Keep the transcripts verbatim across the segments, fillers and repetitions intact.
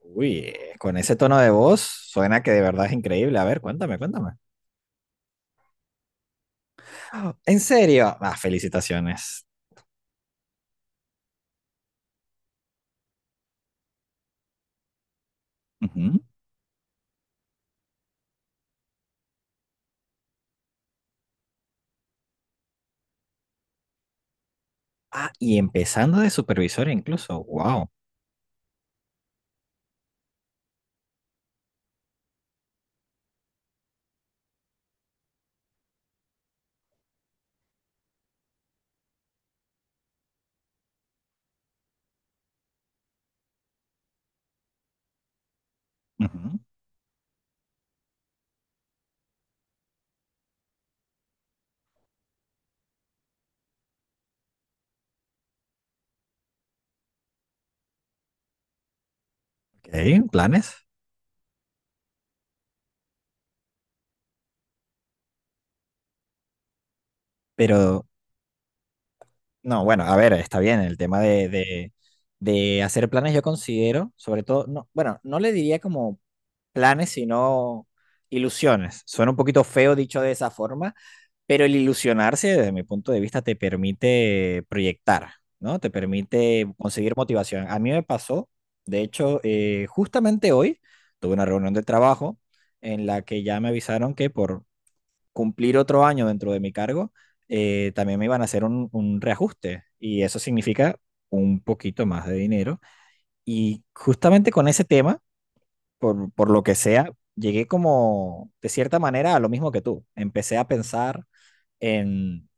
Uy, eh, con ese tono de voz suena que de verdad es increíble. A ver, cuéntame, cuéntame. Ah, ¿en serio? Ah, felicitaciones. Ujú. Ah, y empezando de supervisor incluso. Wow. Ujú. Ok, planes. Pero no, bueno, a ver, está bien. El tema de, de, de hacer planes yo considero, sobre todo, no, bueno, no le diría como planes, sino ilusiones. Suena un poquito feo dicho de esa forma, pero el ilusionarse, desde mi punto de vista, te permite proyectar, ¿no? Te permite conseguir motivación. A mí me pasó, de hecho, eh, justamente hoy tuve una reunión de trabajo en la que ya me avisaron que por cumplir otro año dentro de mi cargo, eh, también me iban a hacer un, un reajuste y eso significa un poquito más de dinero. Y justamente con ese tema, por, por lo que sea, llegué como, de cierta manera, a lo mismo que tú. Empecé a pensar en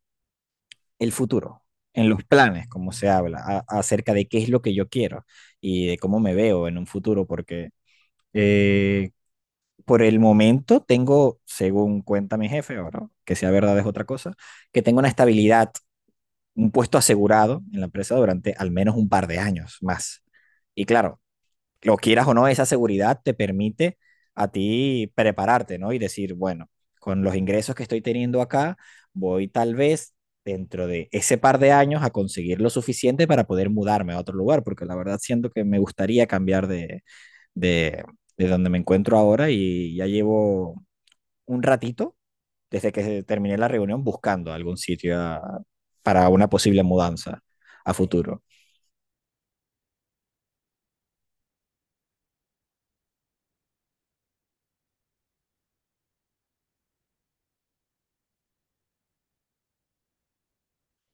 el futuro, en los planes, como se habla, a- acerca de qué es lo que yo quiero y de cómo me veo en un futuro, porque eh, por el momento tengo, según cuenta mi jefe, ahora, que sea verdad es otra cosa, que tengo una estabilidad, un puesto asegurado en la empresa durante al menos un par de años más. Y claro, lo quieras o no, esa seguridad te permite a ti prepararte, ¿no? Y decir, bueno, con los ingresos que estoy teniendo acá, voy tal vez dentro de ese par de años a conseguir lo suficiente para poder mudarme a otro lugar, porque la verdad siento que me gustaría cambiar de, de, de donde me encuentro ahora y ya llevo un ratito desde que terminé la reunión buscando algún sitio a- para una posible mudanza a futuro.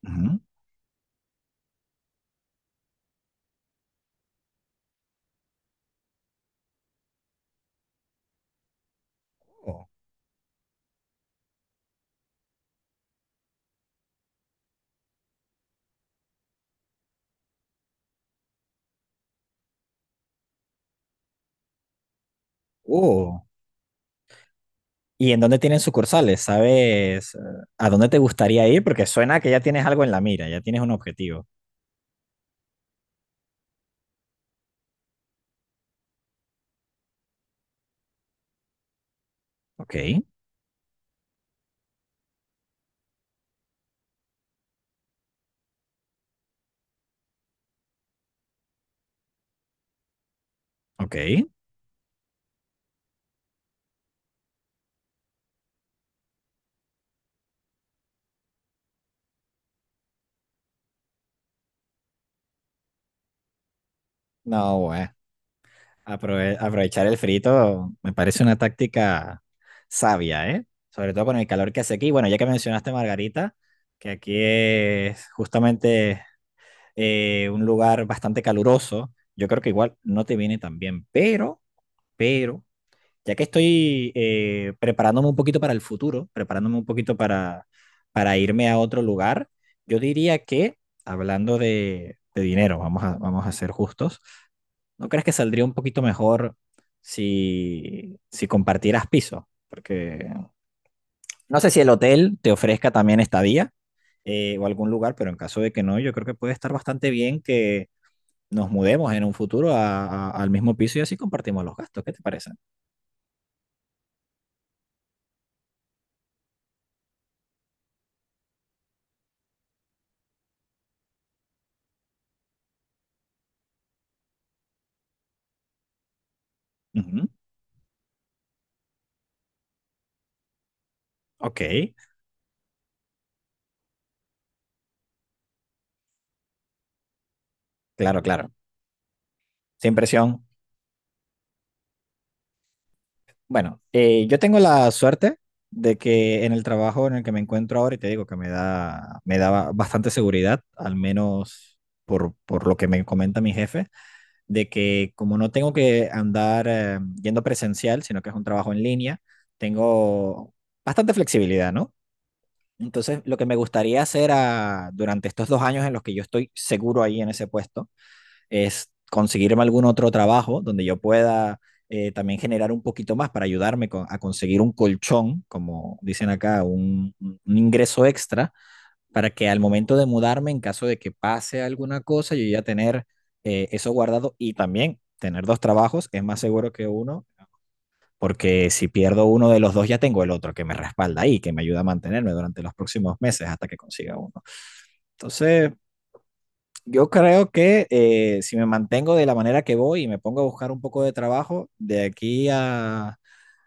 Ujú. Oh. Oh. ¿Y en dónde tienen sucursales? ¿Sabes eh, a dónde te gustaría ir? Porque suena que ya tienes algo en la mira, ya tienes un objetivo. Ok, ok. No, bueno, aprove- aprovechar el frito me parece una táctica sabia, ¿eh? Sobre todo con el calor que hace aquí. Bueno, ya que mencionaste Margarita, que aquí es justamente eh, un lugar bastante caluroso, yo creo que igual no te viene tan bien, pero, pero ya que estoy eh, preparándome un poquito para el futuro, preparándome un poquito para, para irme a otro lugar, yo diría que, hablando de, de dinero, vamos a, vamos a ser justos, ¿no crees que saldría un poquito mejor si, si compartieras piso? Porque no sé si el hotel te ofrezca también estadía eh, o algún lugar, pero en caso de que no, yo creo que puede estar bastante bien que nos mudemos en un futuro a- a- al mismo piso y así compartimos los gastos. ¿Qué te parece? Ujú. Ok, claro, claro. Sin presión. Bueno, eh, yo tengo la suerte de que en el trabajo en el que me encuentro ahora, y te digo que me da, me da bastante seguridad, al menos por, por lo que me comenta mi jefe, de que como no tengo que andar eh, yendo presencial, sino que es un trabajo en línea, tengo bastante flexibilidad, ¿no? Entonces, lo que me gustaría hacer ah, durante estos dos años en los que yo estoy seguro ahí en ese puesto, es conseguirme algún otro trabajo donde yo pueda eh, también generar un poquito más para ayudarme con, a conseguir un colchón, como dicen acá, un, un ingreso extra, para que al momento de mudarme, en caso de que pase alguna cosa, yo ya tener eh, eso guardado y también tener dos trabajos es más seguro que uno, porque si pierdo uno de los dos, ya tengo el otro que me respalda ahí, que me ayuda a mantenerme durante los próximos meses hasta que consiga uno. Entonces, yo creo que eh, si me mantengo de la manera que voy y me pongo a buscar un poco de trabajo, de aquí a,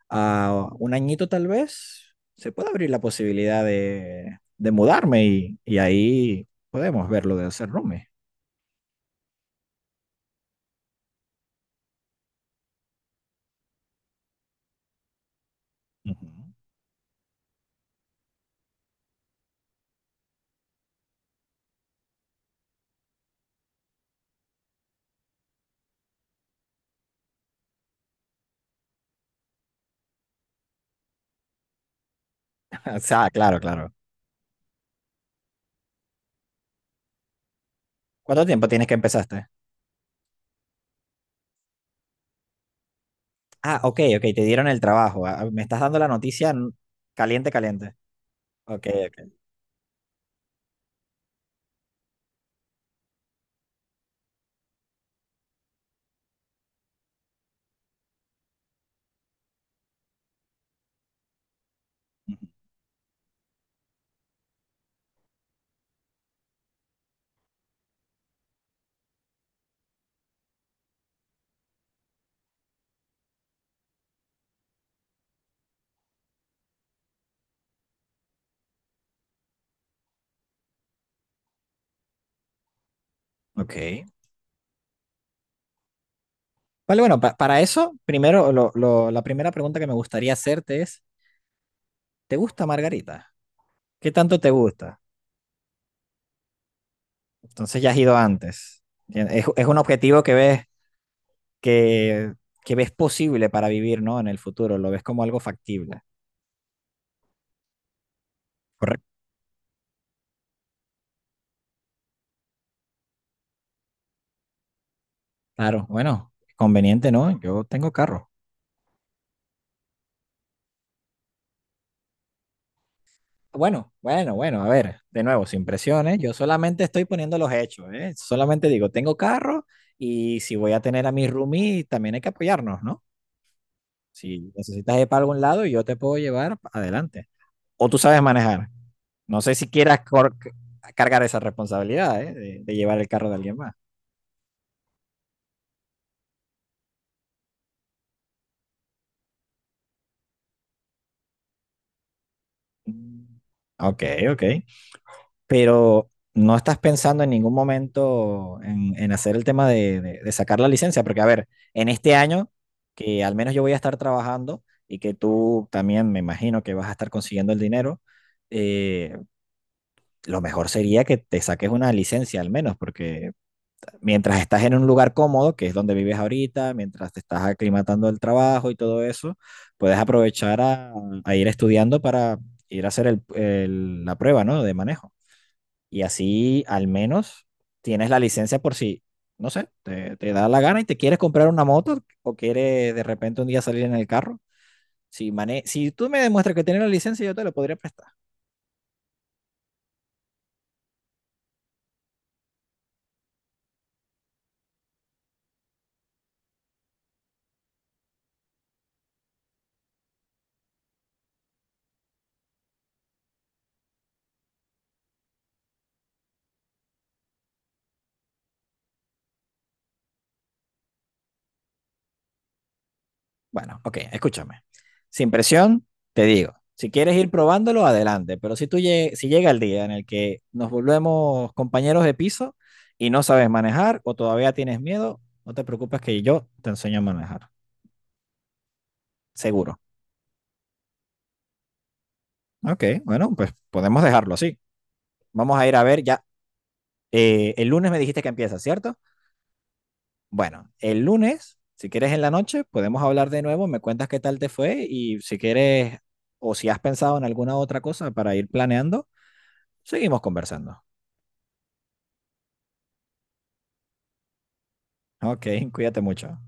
a un añito tal vez, se puede abrir la posibilidad de, de mudarme y, y ahí podemos ver lo de hacer roomie. Ujú. O sea, claro, claro. ¿Cuánto tiempo tienes que empezaste? Ah, ok, ok, te dieron el trabajo. Ah, me estás dando la noticia n- caliente, caliente. Ok, ok. Ujú. Ok. Vale, bueno, pa- para eso, primero, lo- lo- la primera pregunta que me gustaría hacerte es... ¿te gusta Margarita? ¿Qué tanto te gusta? Entonces ya has ido antes. Es, es un objetivo que ves, que, que ves posible para vivir, ¿no? En el futuro, lo ves como algo factible. Correcto. Claro, bueno, conveniente, ¿no? Yo tengo carro. Bueno, bueno, bueno, a ver, de nuevo, sin presiones, yo solamente estoy poniendo los hechos, ¿eh? Solamente digo, tengo carro y si voy a tener a mi roomie, también hay que apoyarnos, ¿no? Si necesitas ir para algún lado, yo te puedo llevar adelante. O tú sabes manejar, no sé si quieras cor- cargar esa responsabilidad, ¿eh? de, de llevar el carro de alguien más. Mm. Ok, ok. Pero no estás pensando en ningún momento en, en hacer el tema de, de- de sacar la licencia, porque a ver, en este año, que al menos yo voy a estar trabajando y que tú también me imagino que vas a estar consiguiendo el dinero, eh, lo mejor sería que te saques una licencia al menos, porque mientras estás en un lugar cómodo, que es donde vives ahorita, mientras te estás aclimatando al trabajo y todo eso, puedes aprovechar a, a ir estudiando para ir a hacer el- el- la prueba, ¿no? De manejo. Y así al menos tienes la licencia por si, no sé, te, te da la gana y te quieres comprar una moto o quieres de repente un día salir en el carro. Si, mane si tú me demuestras que tienes la licencia, yo te la podría prestar. Bueno, ok, escúchame. Sin presión, te digo, si quieres ir probándolo, adelante, pero si tú lleg- si llega el día en el que nos volvemos compañeros de piso y no sabes manejar o todavía tienes miedo, no te preocupes que yo te enseño a manejar, seguro. Ok, bueno, pues podemos dejarlo así. Vamos a ir a ver ya. Eh, el lunes me dijiste que empieza, ¿cierto? Bueno, el lunes, si quieres en la noche, podemos hablar de nuevo, me cuentas qué tal te fue y si quieres o si has pensado en alguna otra cosa para ir planeando. Seguimos conversando. Ok, cuídate mucho.